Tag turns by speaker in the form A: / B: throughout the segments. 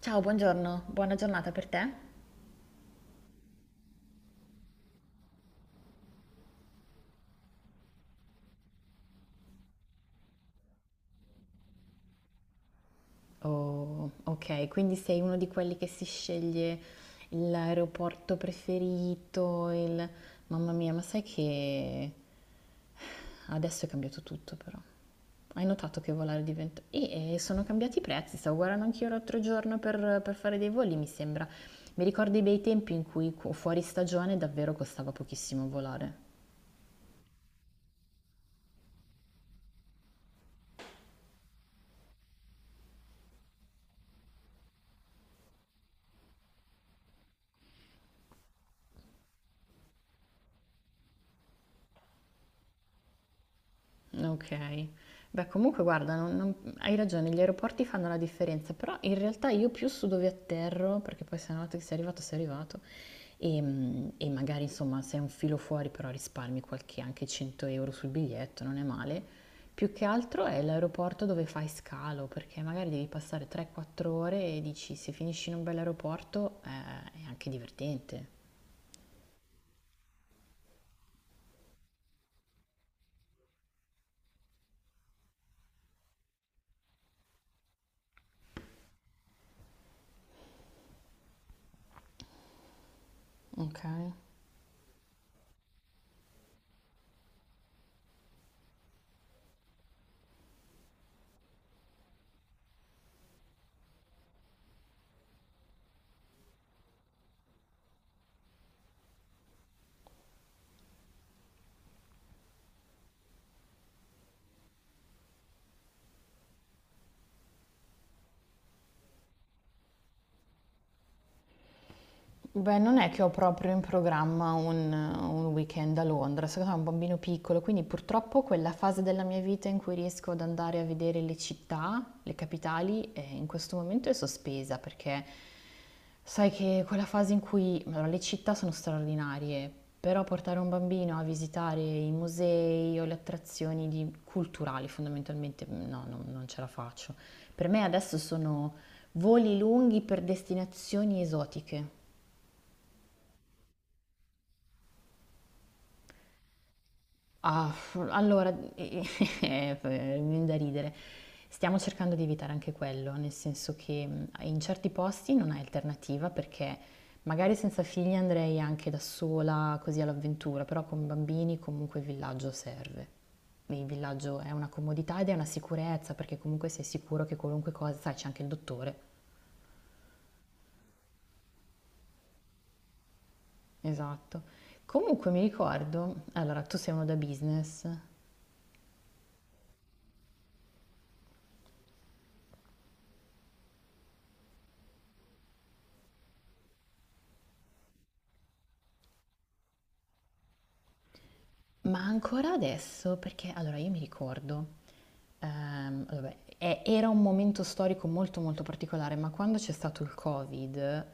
A: Ciao, buongiorno, buona giornata per te. Oh, ok, quindi sei uno di quelli che si sceglie l'aeroporto preferito. Mamma mia, ma sai che adesso è cambiato tutto però. Hai notato che volare diventa. Sono cambiati i prezzi, stavo guardando anch'io l'altro giorno per fare dei voli, mi sembra. Mi ricordo i bei tempi in cui fuori stagione davvero costava pochissimo volare. Okay. Beh, comunque guarda, non hai ragione, gli aeroporti fanno la differenza, però in realtà io più su dove atterro, perché poi se una volta che sei arrivato, e magari insomma sei un filo fuori, però risparmi qualche anche 100 euro sul biglietto, non è male. Più che altro è l'aeroporto dove fai scalo, perché magari devi passare 3-4 ore e dici se finisci in un bel aeroporto, è anche divertente. Okay. Beh, non è che ho proprio in programma un weekend a Londra, secondo me è un bambino piccolo, quindi purtroppo quella fase della mia vita in cui riesco ad andare a vedere le città, le capitali, in questo momento è sospesa perché sai che quella fase in cui allora, le città sono straordinarie, però portare un bambino a visitare i musei o le attrazioni culturali fondamentalmente no, non ce la faccio. Per me adesso sono voli lunghi per destinazioni esotiche. Ah, allora, mi viene da ridere. Stiamo cercando di evitare anche quello, nel senso che in certi posti non hai alternativa perché magari senza figli andrei anche da sola così all'avventura, però con bambini comunque il villaggio serve. Il villaggio è una comodità ed è una sicurezza perché comunque sei sicuro che qualunque cosa, sai, c'è anche il dottore. Esatto. Comunque mi ricordo, allora tu sei uno da business. Ma ancora adesso, perché allora io mi ricordo, vabbè, era un momento storico molto molto particolare, ma quando c'è stato il Covid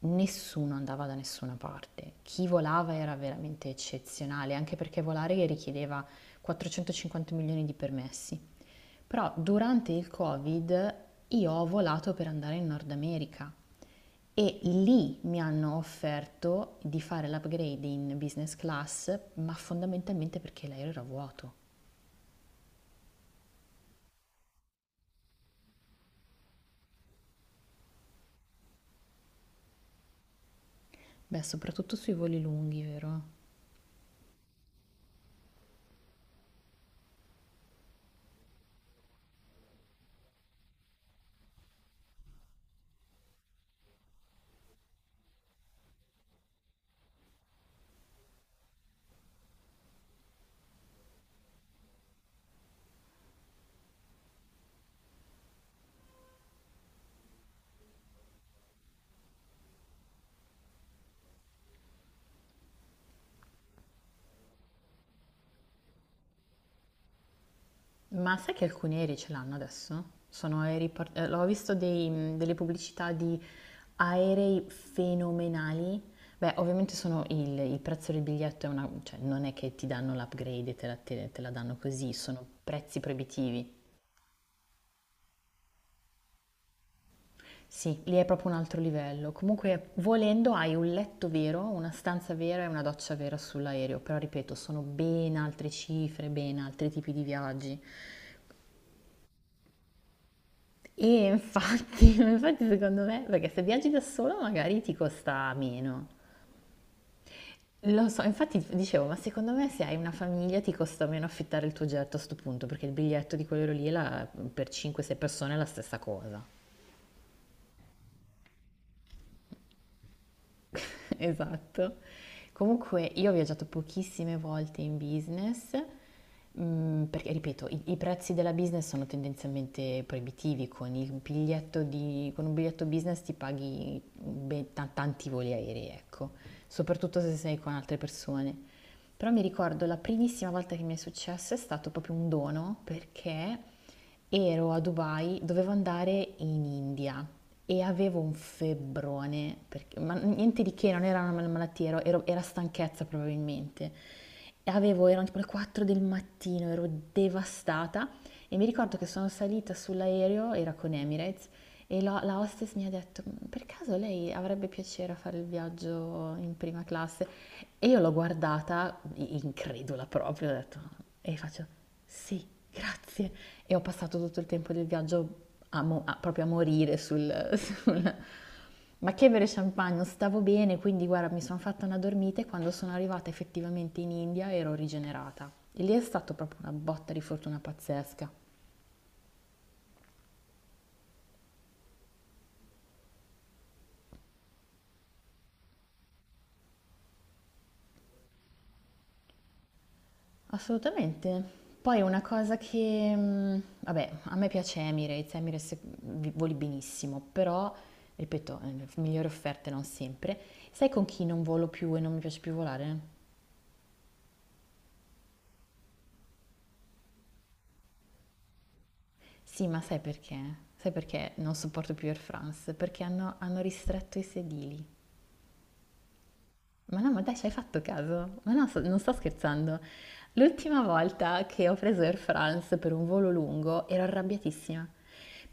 A: nessuno andava da nessuna parte. Chi volava era veramente eccezionale, anche perché volare richiedeva 450 milioni di permessi. Però durante il Covid io ho volato per andare in Nord America e lì mi hanno offerto di fare l'upgrade in business class, ma fondamentalmente perché l'aereo era vuoto. Beh, soprattutto sui voli lunghi, vero? Ma sai che alcuni aerei ce l'hanno adesso? Sono aerei, ho visto delle pubblicità di aerei fenomenali. Beh, ovviamente sono il prezzo del biglietto è una, cioè non è che ti danno l'upgrade e te la danno così, sono prezzi proibitivi. Sì, lì è proprio un altro livello. Comunque, volendo, hai un letto vero, una stanza vera e una doccia vera sull'aereo, però ripeto, sono ben altre cifre, ben altri tipi di viaggi. E infatti, infatti secondo me, perché se viaggi da solo magari ti costa meno. Lo so, infatti dicevo, ma secondo me se hai una famiglia ti costa meno affittare il tuo jet a sto punto, perché il biglietto di quello lì è la- per 5-6 persone è la stessa cosa. Esatto. Comunque io ho viaggiato pochissime volte in business, perché ripeto, i prezzi della business sono tendenzialmente proibitivi, con il con un biglietto business ti paghi tanti voli aerei, ecco, soprattutto se sei con altre persone. Però mi ricordo la primissima volta che mi è successo è stato proprio un dono perché ero a Dubai, dovevo andare in India e avevo un febbrone, ma niente di che, non era una malattia, era stanchezza probabilmente. E avevo, erano tipo le 4 del mattino, ero devastata e mi ricordo che sono salita sull'aereo, era con Emirates, e la hostess mi ha detto, "Mm, per caso lei avrebbe piacere a fare il viaggio in prima classe? E io l'ho guardata, incredula proprio, ho detto, e faccio, sì, grazie. E ho passato tutto il tempo del viaggio proprio a morire sul, sul- Ma che bere champagne, non stavo bene, quindi guarda, mi sono fatta una dormita e quando sono arrivata effettivamente in India ero rigenerata. E lì è stata proprio una botta di fortuna pazzesca. Assolutamente. Poi una cosa che, vabbè, a me piace Emirates, Emirates voli benissimo, però, ripeto, migliori offerte non sempre. Sai con chi non volo più e non mi piace più volare? Sì, ma sai perché? Sai perché non sopporto più Air France? Perché hanno ristretto i sedili. Ma no, ma dai, ci hai fatto caso? Ma no, non sto scherzando. L'ultima volta che ho preso Air France per un volo lungo ero arrabbiatissima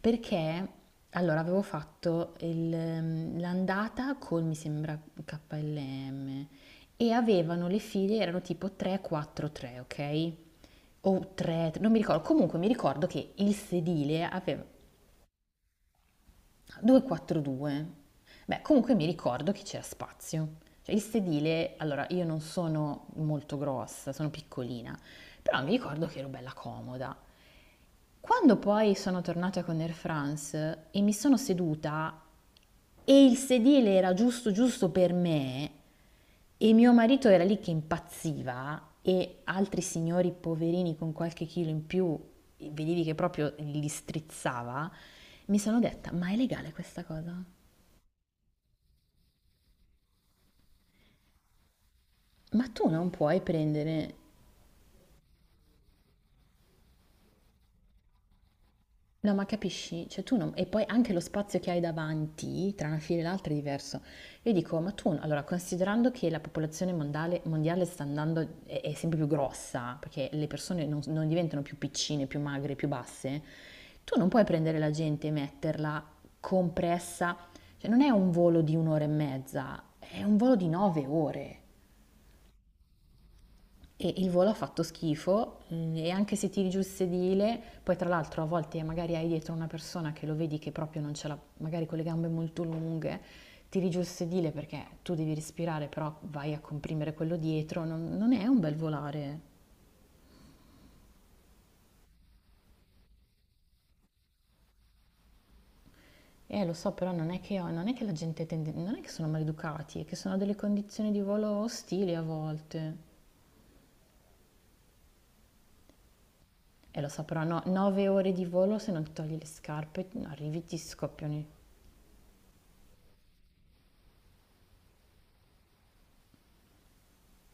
A: perché allora avevo fatto l'andata con mi sembra KLM e avevano le file erano tipo 3-4-3, ok? O 3, non mi ricordo. Comunque mi ricordo che il sedile aveva 2-4-2. Beh, comunque mi ricordo che c'era spazio. Cioè, il sedile, allora io non sono molto grossa, sono piccolina, però mi ricordo che ero bella comoda. Quando poi sono tornata con Air France e mi sono seduta e il sedile era giusto giusto per me e mio marito era lì che impazziva e altri signori poverini con qualche chilo in più, vedevi che proprio li strizzava, mi sono detta, ma è legale questa cosa? Ma tu non puoi prendere... No, ma capisci? Cioè tu non... E poi anche lo spazio che hai davanti, tra una fila e l'altra, è diverso. Io dico, ma tu... Allora, considerando che la popolazione mondiale, sta andando... È, è sempre più grossa, perché le persone non diventano più piccine, più magre, più basse, tu non puoi prendere la gente e metterla compressa... Cioè non è un volo di un'ora e mezza, è un volo di 9 ore. E il volo ha fatto schifo e anche se tiri giù il sedile, poi tra l'altro a volte magari hai dietro una persona che lo vedi che proprio non ce l'ha, magari con le gambe molto lunghe, tiri giù il sedile perché tu devi respirare, però vai a comprimere quello dietro, non è un bel volare. Lo so, però non è che, non è che la gente tende, non è che sono maleducati, è che sono delle condizioni di volo ostili a volte. E lo so, però no, 9 ore di volo se non ti togli le scarpe, arrivi e ti scoppiano i-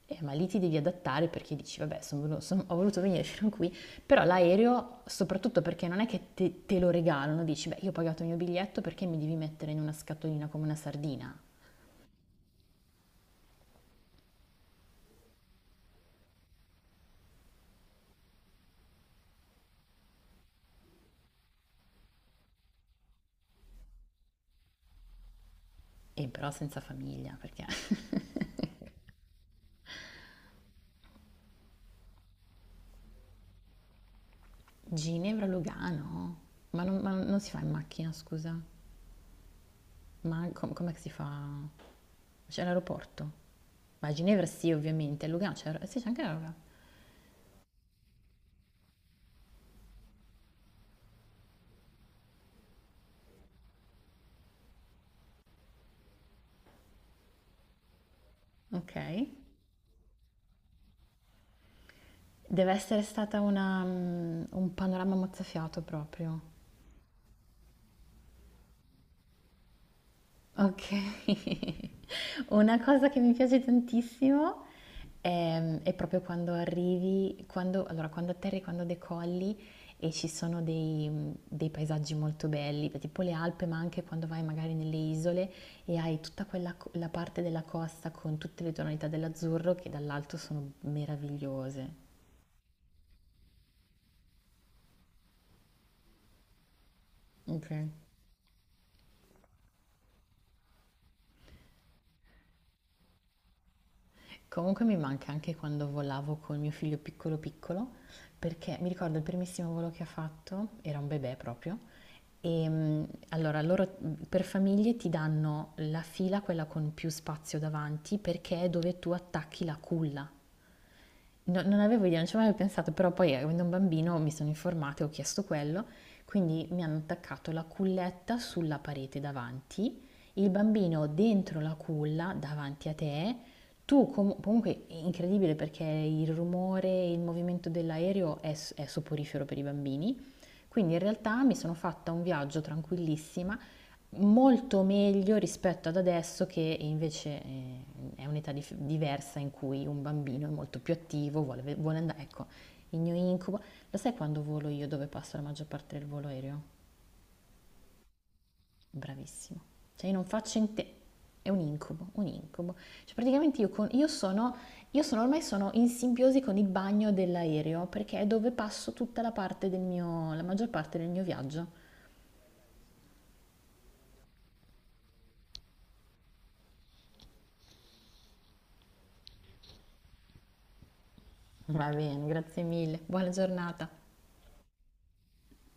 A: Ma lì ti devi adattare perché dici, vabbè, ho voluto venire fino qui, però l'aereo, soprattutto perché non è che te, te lo regalano, dici, beh, io ho pagato il mio biglietto perché mi devi mettere in una scatolina come una sardina, e però senza famiglia, perché Ginevra, Lugano, ma non si fa in macchina, scusa, ma com'è che si fa? C'è l'aeroporto? Ma a Ginevra sì, ovviamente, a Lugano c'è, sì, c'è anche la Lugano, ok. Deve essere stata un panorama mozzafiato proprio. Okay. Una cosa che mi piace tantissimo, è proprio quando arrivi quando allora, quando atterri, quando decolli e ci sono dei paesaggi molto belli, beh, tipo le Alpi, ma anche quando vai magari nelle isole e hai tutta quella co la parte della costa con tutte le tonalità dell'azzurro che dall'alto sono meravigliose. Okay. Comunque mi manca anche quando volavo con mio figlio piccolo piccolo, perché mi ricordo il primissimo volo che ha fatto, era un bebè proprio, e allora loro per famiglie ti danno la fila, quella con più spazio davanti, perché è dove tu attacchi la culla non avevo idea, non ci avevo mai pensato, però poi avendo un bambino mi sono informata e ho chiesto quello, quindi mi hanno attaccato la culletta sulla parete davanti, il bambino dentro la culla davanti a te, tu comunque è incredibile perché il rumore e il movimento dell'aereo è soporifero per i bambini, quindi in realtà mi sono fatta un viaggio tranquillissima molto meglio rispetto ad adesso che invece è un'età diversa in cui un bambino è molto più attivo, vuole andare, ecco, il mio incubo. Lo sai quando volo io dove passo la maggior parte del volo aereo? Bravissimo. Cioè io non faccio in te, è un incubo, un incubo. Cioè praticamente io sono ormai sono in simbiosi con il bagno dell'aereo perché è dove passo tutta la parte del mio, la maggior parte del mio viaggio. Va bene, grazie mille, buona giornata.